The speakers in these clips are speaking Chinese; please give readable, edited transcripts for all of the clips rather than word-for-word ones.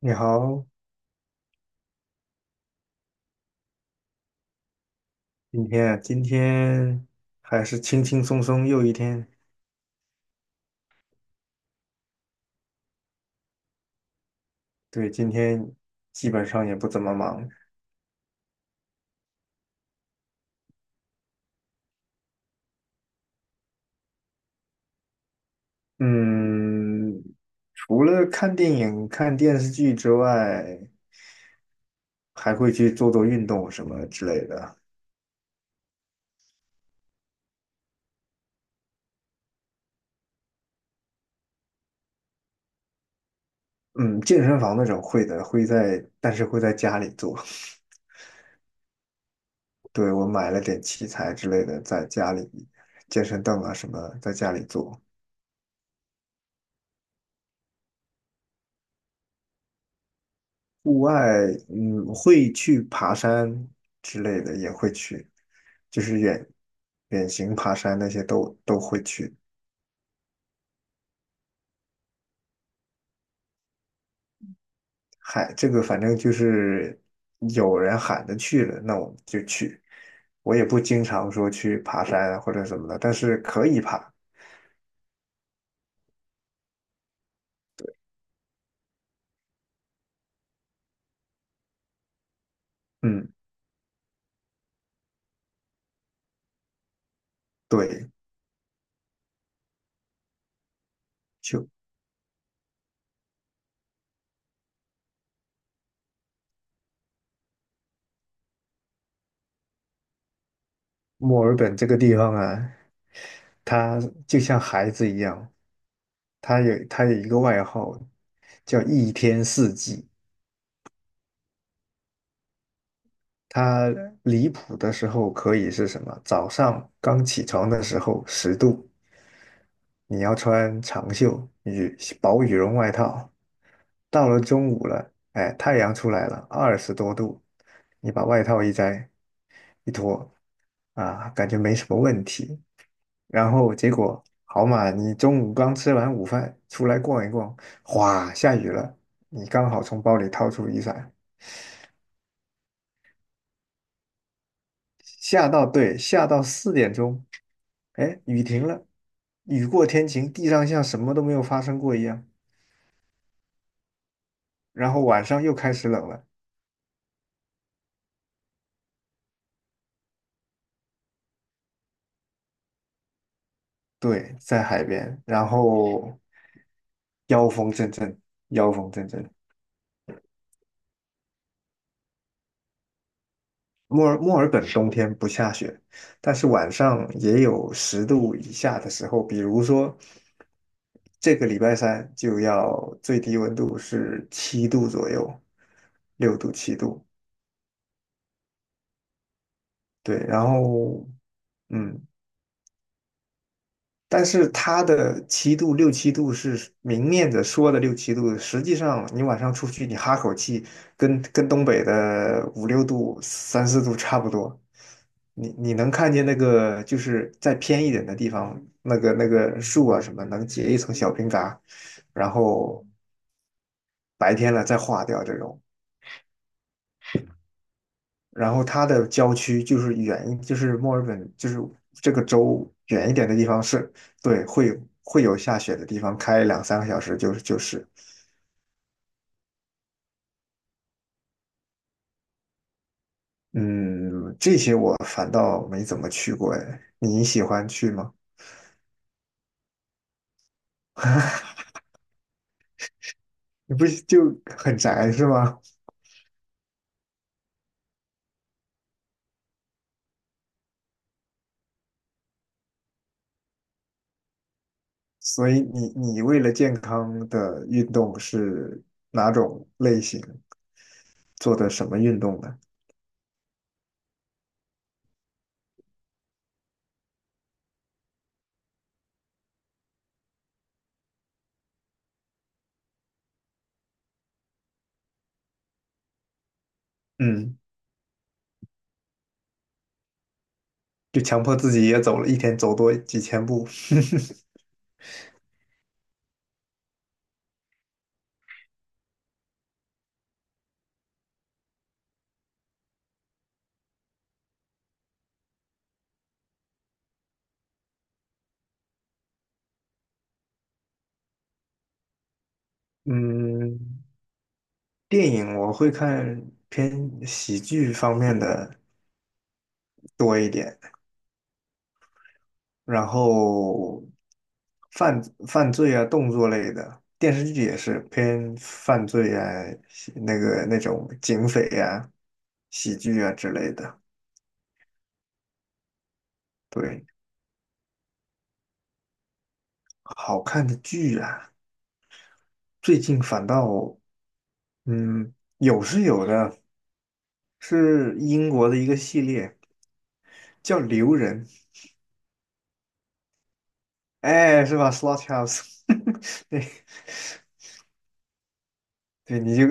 你好，今天还是轻轻松松又一天。对，今天基本上也不怎么忙。嗯，除了看电影、看电视剧之外，还会去做做运动什么之类的。嗯，健身房那种会的，会在，但是会在家里做。对，我买了点器材之类的，在家里健身凳啊什么，在家里做。户外，嗯，会去爬山之类的，也会去，就是远行爬山那些都会去。嗨，这个反正就是有人喊着去了，那我们就去。我也不经常说去爬山啊或者什么的，但是可以爬。嗯，对，就墨尔本这个地方啊，它就像孩子一样，它有一个外号叫一天四季。它离谱的时候可以是什么？早上刚起床的时候十度，你要穿长袖薄羽绒外套。到了中午了，哎，太阳出来了，二十多度，你把外套一摘一脱，啊，感觉没什么问题。然后结果好嘛，你中午刚吃完午饭出来逛一逛，哗，下雨了，你刚好从包里掏出雨伞。对，下到四点钟，哎，雨停了，雨过天晴，地上像什么都没有发生过一样。然后晚上又开始冷了，对，在海边，然后妖风阵阵，妖风阵阵。墨尔本冬天不下雪，但是晚上也有十度以下的时候，比如说这个礼拜三就要最低温度是七度左右，六度七度。对，然后嗯，但是它的七度六七度是明面的说的六七度，实际上你晚上出去你哈口气，跟东北的五六度、三四度差不多。你能看见那个就是再偏一点的地方，那个树啊什么能结一层小冰嘎，然后白天了再化掉这种。然后它的郊区就是远，就是墨尔本，就是这个州远一点的地方是，对，会有下雪的地方，开两三个小时就是，嗯，这些我反倒没怎么去过，哎，你喜欢去吗？你不是就很宅是吗？所以你为了健康的运动是哪种类型？做的什么运动呢？嗯，就强迫自己也走了一天，走多几千步。嗯，电影我会看偏喜剧方面的多一点，然后犯犯罪啊、动作类的电视剧也是偏犯罪啊、那个那种警匪啊、喜剧啊之类的。对，好看的剧啊，最近反倒嗯有是有的，是英国的一个系列叫《留人》，哎，是吧 Slothouse 对，你就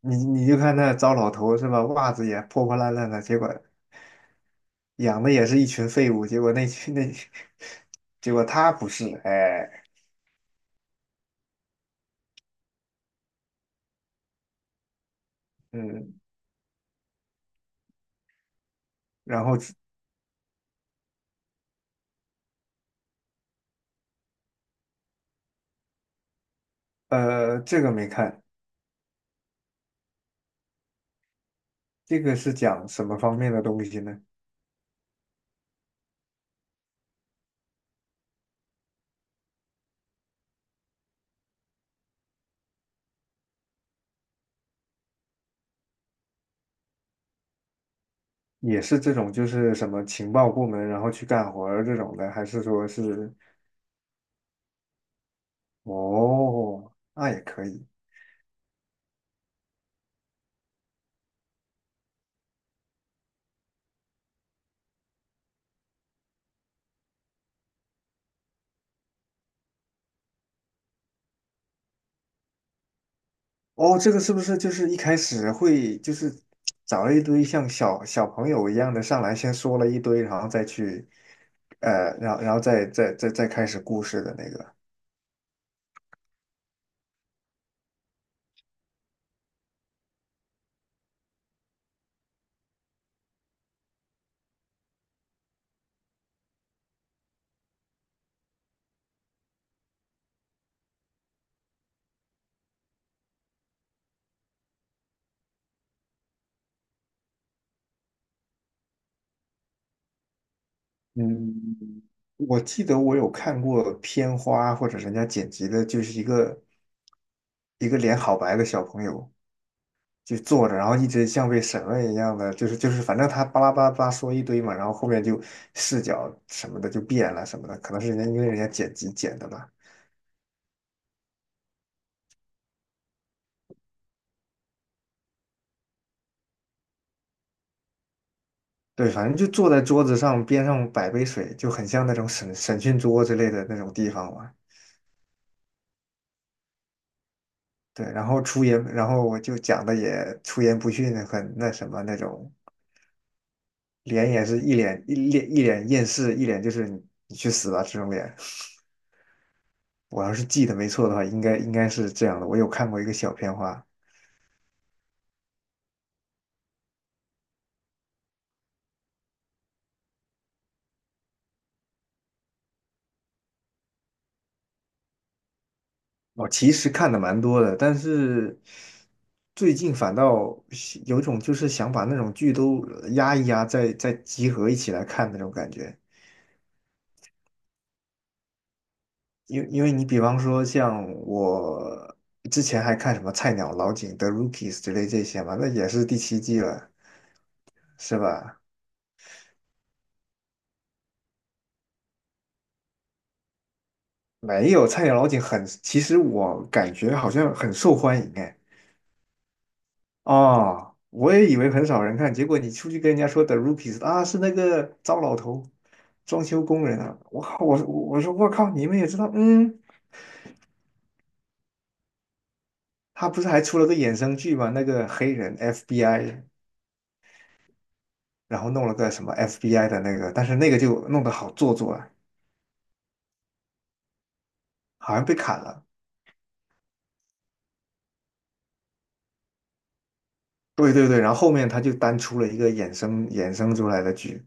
你你就看那糟老头是吧？袜子也破破烂烂的，结果养的也是一群废物，结果那群那，结果他不是，哎，嗯，然后这个没看，这个是讲什么方面的东西呢？也是这种就是什么情报部门然后去干活儿这种的，还是说是哦，那也可以。哦，这个是不是就是一开始会就是找了一堆像小朋友一样的上来，先说了一堆，然后再去，然后再开始故事的那个？嗯，我记得我有看过片花或者人家剪辑的，就是一个脸好白的小朋友就坐着，然后一直像被审问一样的，就是反正他巴拉巴拉巴拉说一堆嘛，然后后面就视角什么的就变了什么的，可能是人家因为人家剪辑剪的吧。对，反正就坐在桌子上，边上摆杯水，就很像那种审讯桌之类的那种地方嘛。对，然后出言，然后我就讲的也出言不逊，很那什么那种，脸也是一脸厌世，一脸就是你去死吧这种脸。我要是记得没错的话，应该是这样的。我有看过一个小片花，我其实看的蛮多的，但是最近反倒有一种就是想把那种剧都压一压，再集合一起来看那种感觉。因为你比方说像我之前还看什么菜鸟老井的 Rookies 之类这些嘛，那也是第七季了，是吧？没有菜鸟老井很，其实我感觉好像很受欢迎哎。哦，我也以为很少人看，结果你出去跟人家说的 Rookies 啊，是那个糟老头，装修工人啊！我靠，我说我靠，你们也知道，他不是还出了个衍生剧嘛，那个黑人 FBI。然后弄了个什么 FBI 的那个，但是那个就弄得好做作，啊。好像被砍了。对对对，然后后面他就单出了一个衍生出来的剧，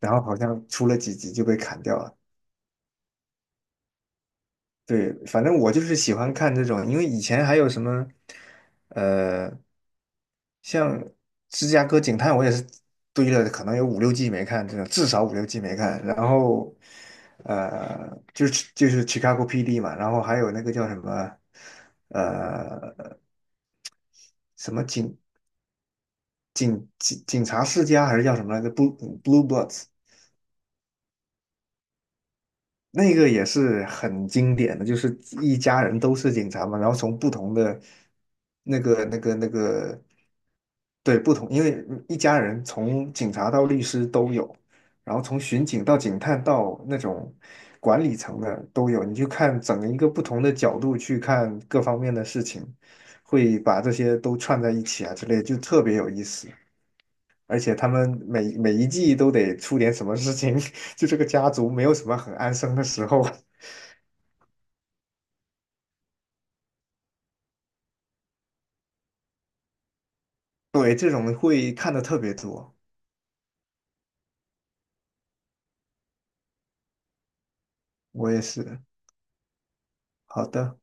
然后好像出了几集就被砍掉了。对，反正我就是喜欢看这种，因为以前还有什么，呃，像《芝加哥警探》，我也是堆了可能有五六季没看，这种至少五六季没看。然后，就是 Chicago PD 嘛，然后还有那个叫什么，呃，什么警察世家还是叫什么来着？Blue Blods 那个也是很经典的，就是一家人都是警察嘛，然后从不同的那个，对，不同，因为一家人从警察到律师都有，然后从巡警到警探到那种管理层的都有，你就看整一个不同的角度去看各方面的事情，会把这些都串在一起啊之类的，就特别有意思。而且他们每一季都得出点什么事情，就这个家族没有什么很安生的时候。对，这种会看的特别多，我也是。好的。